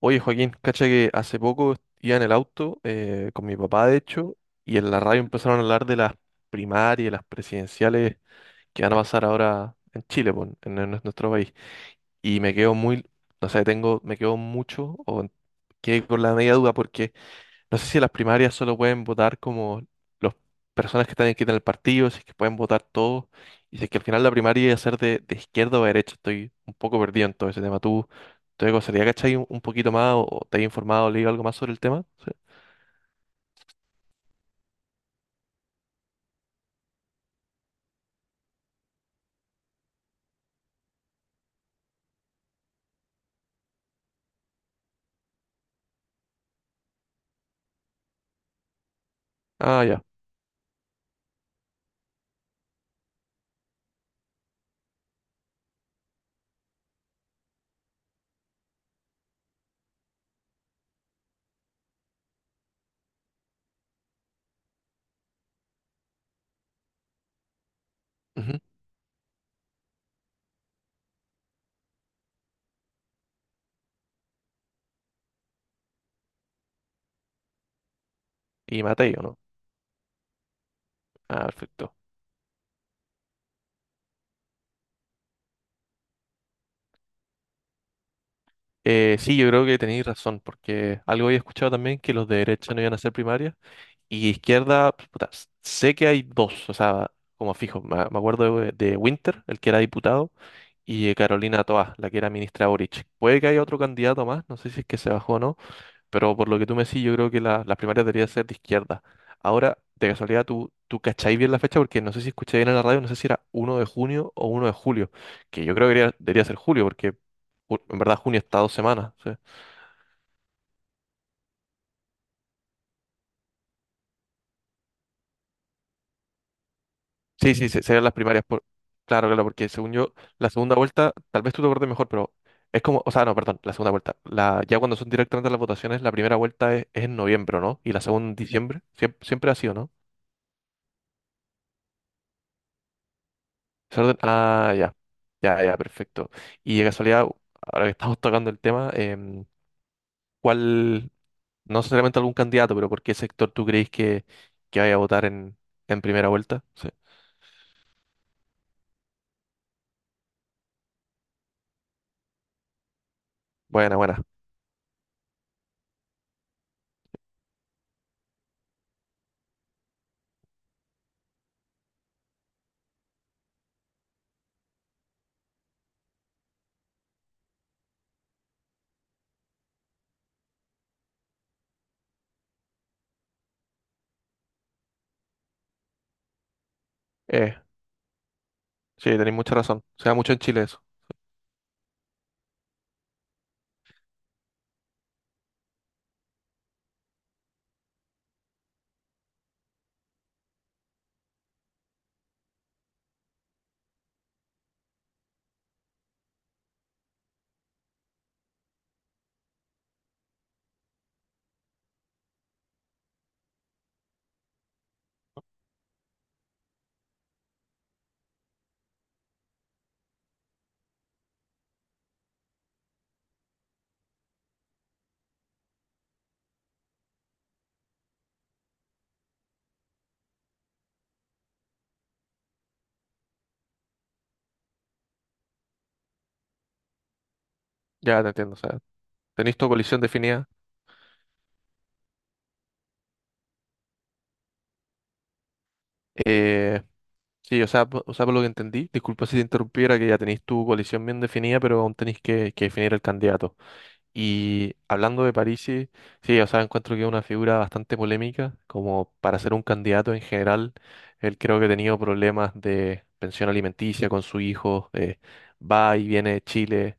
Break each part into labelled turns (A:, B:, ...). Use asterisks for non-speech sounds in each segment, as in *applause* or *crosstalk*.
A: Oye, Joaquín, cacha que hace poco iba en el auto con mi papá, de hecho, y en la radio empezaron a hablar de las primarias, y las presidenciales que van a pasar ahora en Chile, po, en nuestro país. Y me quedo muy, no sé, me quedo mucho o quedé con la media duda porque no sé si las primarias solo pueden votar como las personas que están aquí en el partido, si es que pueden votar todos, y si es que al final la primaria iba a ser de izquierda o de derecha. Estoy un poco perdido en todo ese tema. ¿Tú te gustaría, cachai, un poquito más o te has informado, leído algo más sobre el tema? Sí. Ah, ya. Ujú. Y Matei, ¿o no? Ah, perfecto. Sí, yo creo que tenéis razón, porque algo había escuchado también que los de derecha no iban a ser primarias, y izquierda, pues, puta, sé que hay dos, o sea, como fijo, me acuerdo de Winter, el que era diputado y Carolina Toa, la que era ministra Boric. Puede que haya otro candidato más, no sé si es que se bajó o no, pero por lo que tú me decís, yo creo que las primarias deberían ser de izquierda. Ahora, de casualidad, tú cacháis bien la fecha porque no sé si escuché bien en la radio, no sé si era 1 de junio o 1 de julio, que yo creo que debería ser julio porque en verdad junio está 2 semanas. ¿Sí? Sí, sí, serían las primarias. Claro, claro, porque según yo, la segunda vuelta, tal vez tú te acuerdes mejor, pero es como, o sea, no, perdón, la segunda vuelta. Ya cuando son directamente las votaciones, la primera vuelta es en noviembre, ¿o no? Y la segunda en diciembre. Siempre, siempre ha sido, ¿no? Ah, ya. Ya, ya, perfecto. Y de casualidad, ahora que estamos tocando el tema, ¿cuál, no necesariamente algún candidato, pero por qué sector tú crees que vaya a votar en primera vuelta? Sí. Buena, buena. Eh, sí, tenéis mucha razón. Se da mucho en Chile eso. Ya te entiendo, o sea, tenéis tu coalición definida. Eh, sí, o sea, o sea, por lo que entendí, disculpa si te interrumpiera, que ya tenéis tu coalición bien definida, pero aún tenéis que definir el candidato. Y hablando de Parisi, sí, sí, o sea, encuentro que es una figura bastante polémica, como para ser un candidato en general, él creo que ha tenido problemas de pensión alimenticia con su hijo, va y viene de Chile.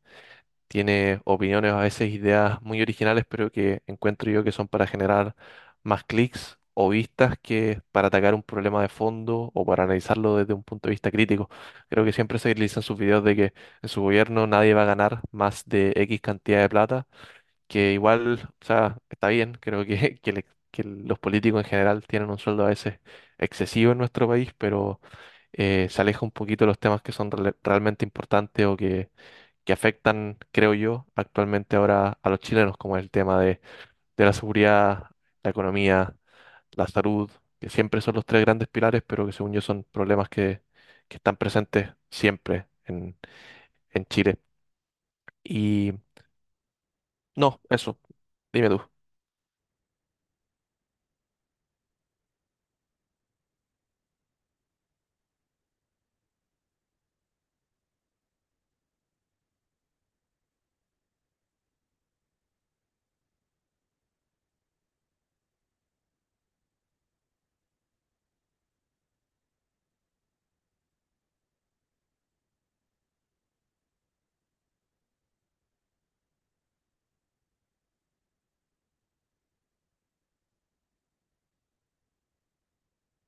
A: Tiene opiniones, a veces ideas muy originales, pero que encuentro yo que son para generar más clics o vistas que para atacar un problema de fondo o para analizarlo desde un punto de vista crítico. Creo que siempre se utilizan sus videos de que en su gobierno nadie va a ganar más de X cantidad de plata, que igual, o sea, está bien, creo que, *laughs* que los políticos en general tienen un sueldo a veces excesivo en nuestro país, pero se aleja un poquito de los temas que son realmente importantes o que afectan, creo yo, actualmente ahora a los chilenos, como el tema de la seguridad, la economía, la salud, que siempre son los tres grandes pilares, pero que según yo son problemas que están presentes siempre en Chile. Y no, eso, dime tú.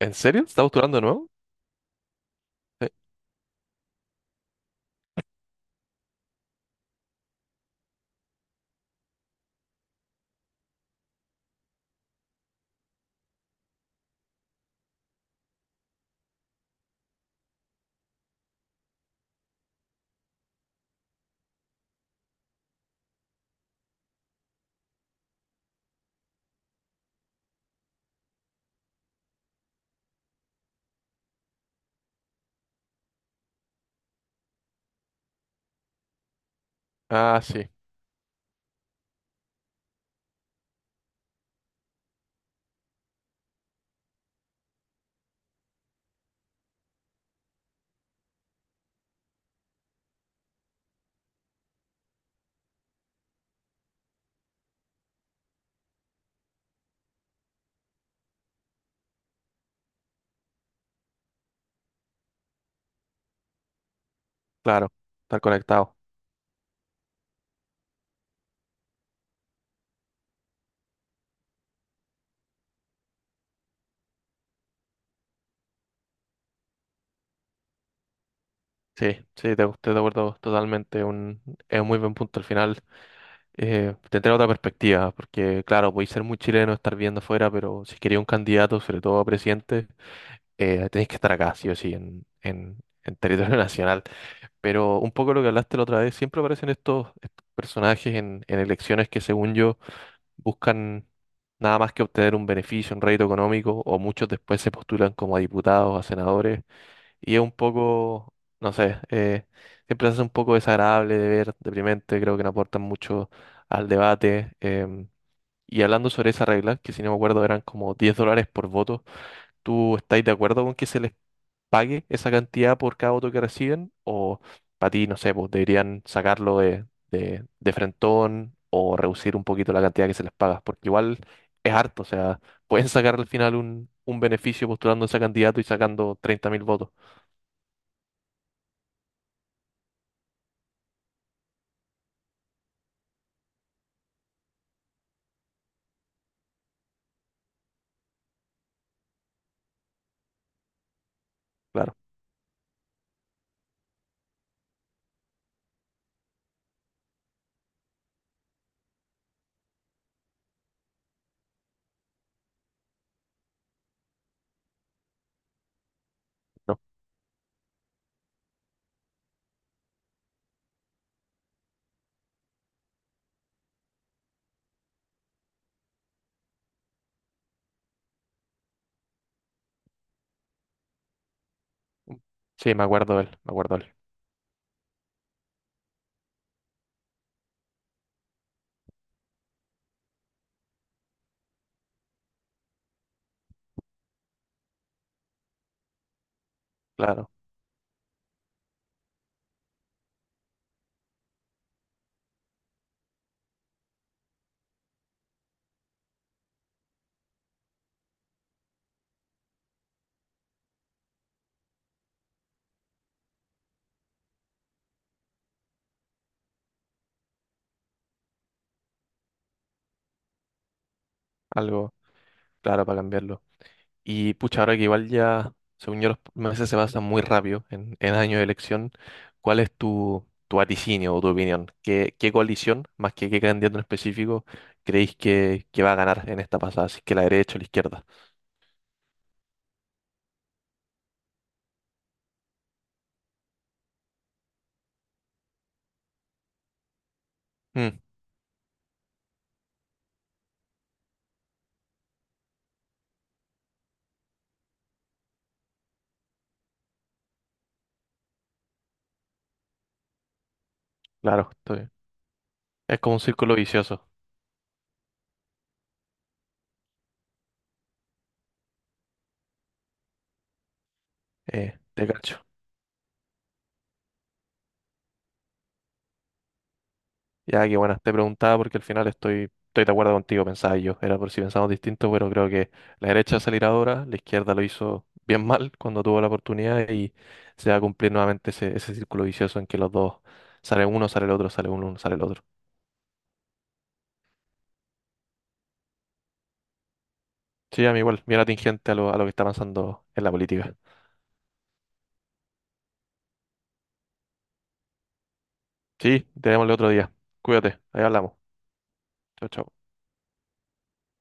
A: ¿En serio? ¿Estás postulando de nuevo? Sí. Ah, sí, claro, estar conectado. Sí, sí, estoy de acuerdo totalmente. Es un muy buen punto al final. Tendrá otra perspectiva, porque claro, podéis ser muy chileno, estar viendo afuera, pero si queréis un candidato, sobre todo a presidente, tenéis que estar acá, sí o sí, en territorio *laughs* nacional. Pero un poco lo que hablaste la otra vez, siempre aparecen estos personajes en elecciones que según yo buscan nada más que obtener un beneficio, un rédito económico, o muchos después se postulan como a diputados, a senadores, y es un poco, no sé, siempre hace un poco desagradable de ver, deprimente, creo que no aportan mucho al debate. Y hablando sobre esa regla que si no me acuerdo eran como $10 por voto, ¿tú estáis de acuerdo con que se les pague esa cantidad por cada voto que reciben? ¿O para ti, no sé, pues deberían sacarlo de frentón o reducir un poquito la cantidad que se les paga? Porque igual es harto, o sea, pueden sacar al final un beneficio postulando a ese candidato y sacando 30.000 votos, claro. Sí, me acuerdo él, me acuerdo él. Claro, algo claro para cambiarlo. Y pucha, ahora que igual ya, según yo, los meses se pasan muy rápido en año de elección, ¿cuál es tu vaticinio o tu opinión? ¿Qué coalición, más que qué candidato en específico, creéis que va a ganar en esta pasada? Si es que la derecha o la izquierda. Mm, claro, es como un círculo vicioso. Te cacho. Ya, que bueno, te preguntaba porque al final estoy de acuerdo contigo, pensaba yo. Era por si pensamos distinto, pero creo que la derecha salirá ahora, la izquierda lo hizo bien mal cuando tuvo la oportunidad y se va a cumplir nuevamente ese círculo vicioso en que los dos, sale uno, sale el otro, sale uno, sale el otro. Sí, a mí igual, bien atingente a lo que está pasando en la política. Sí, te vemos el otro día. Cuídate, ahí hablamos. Chao, chao.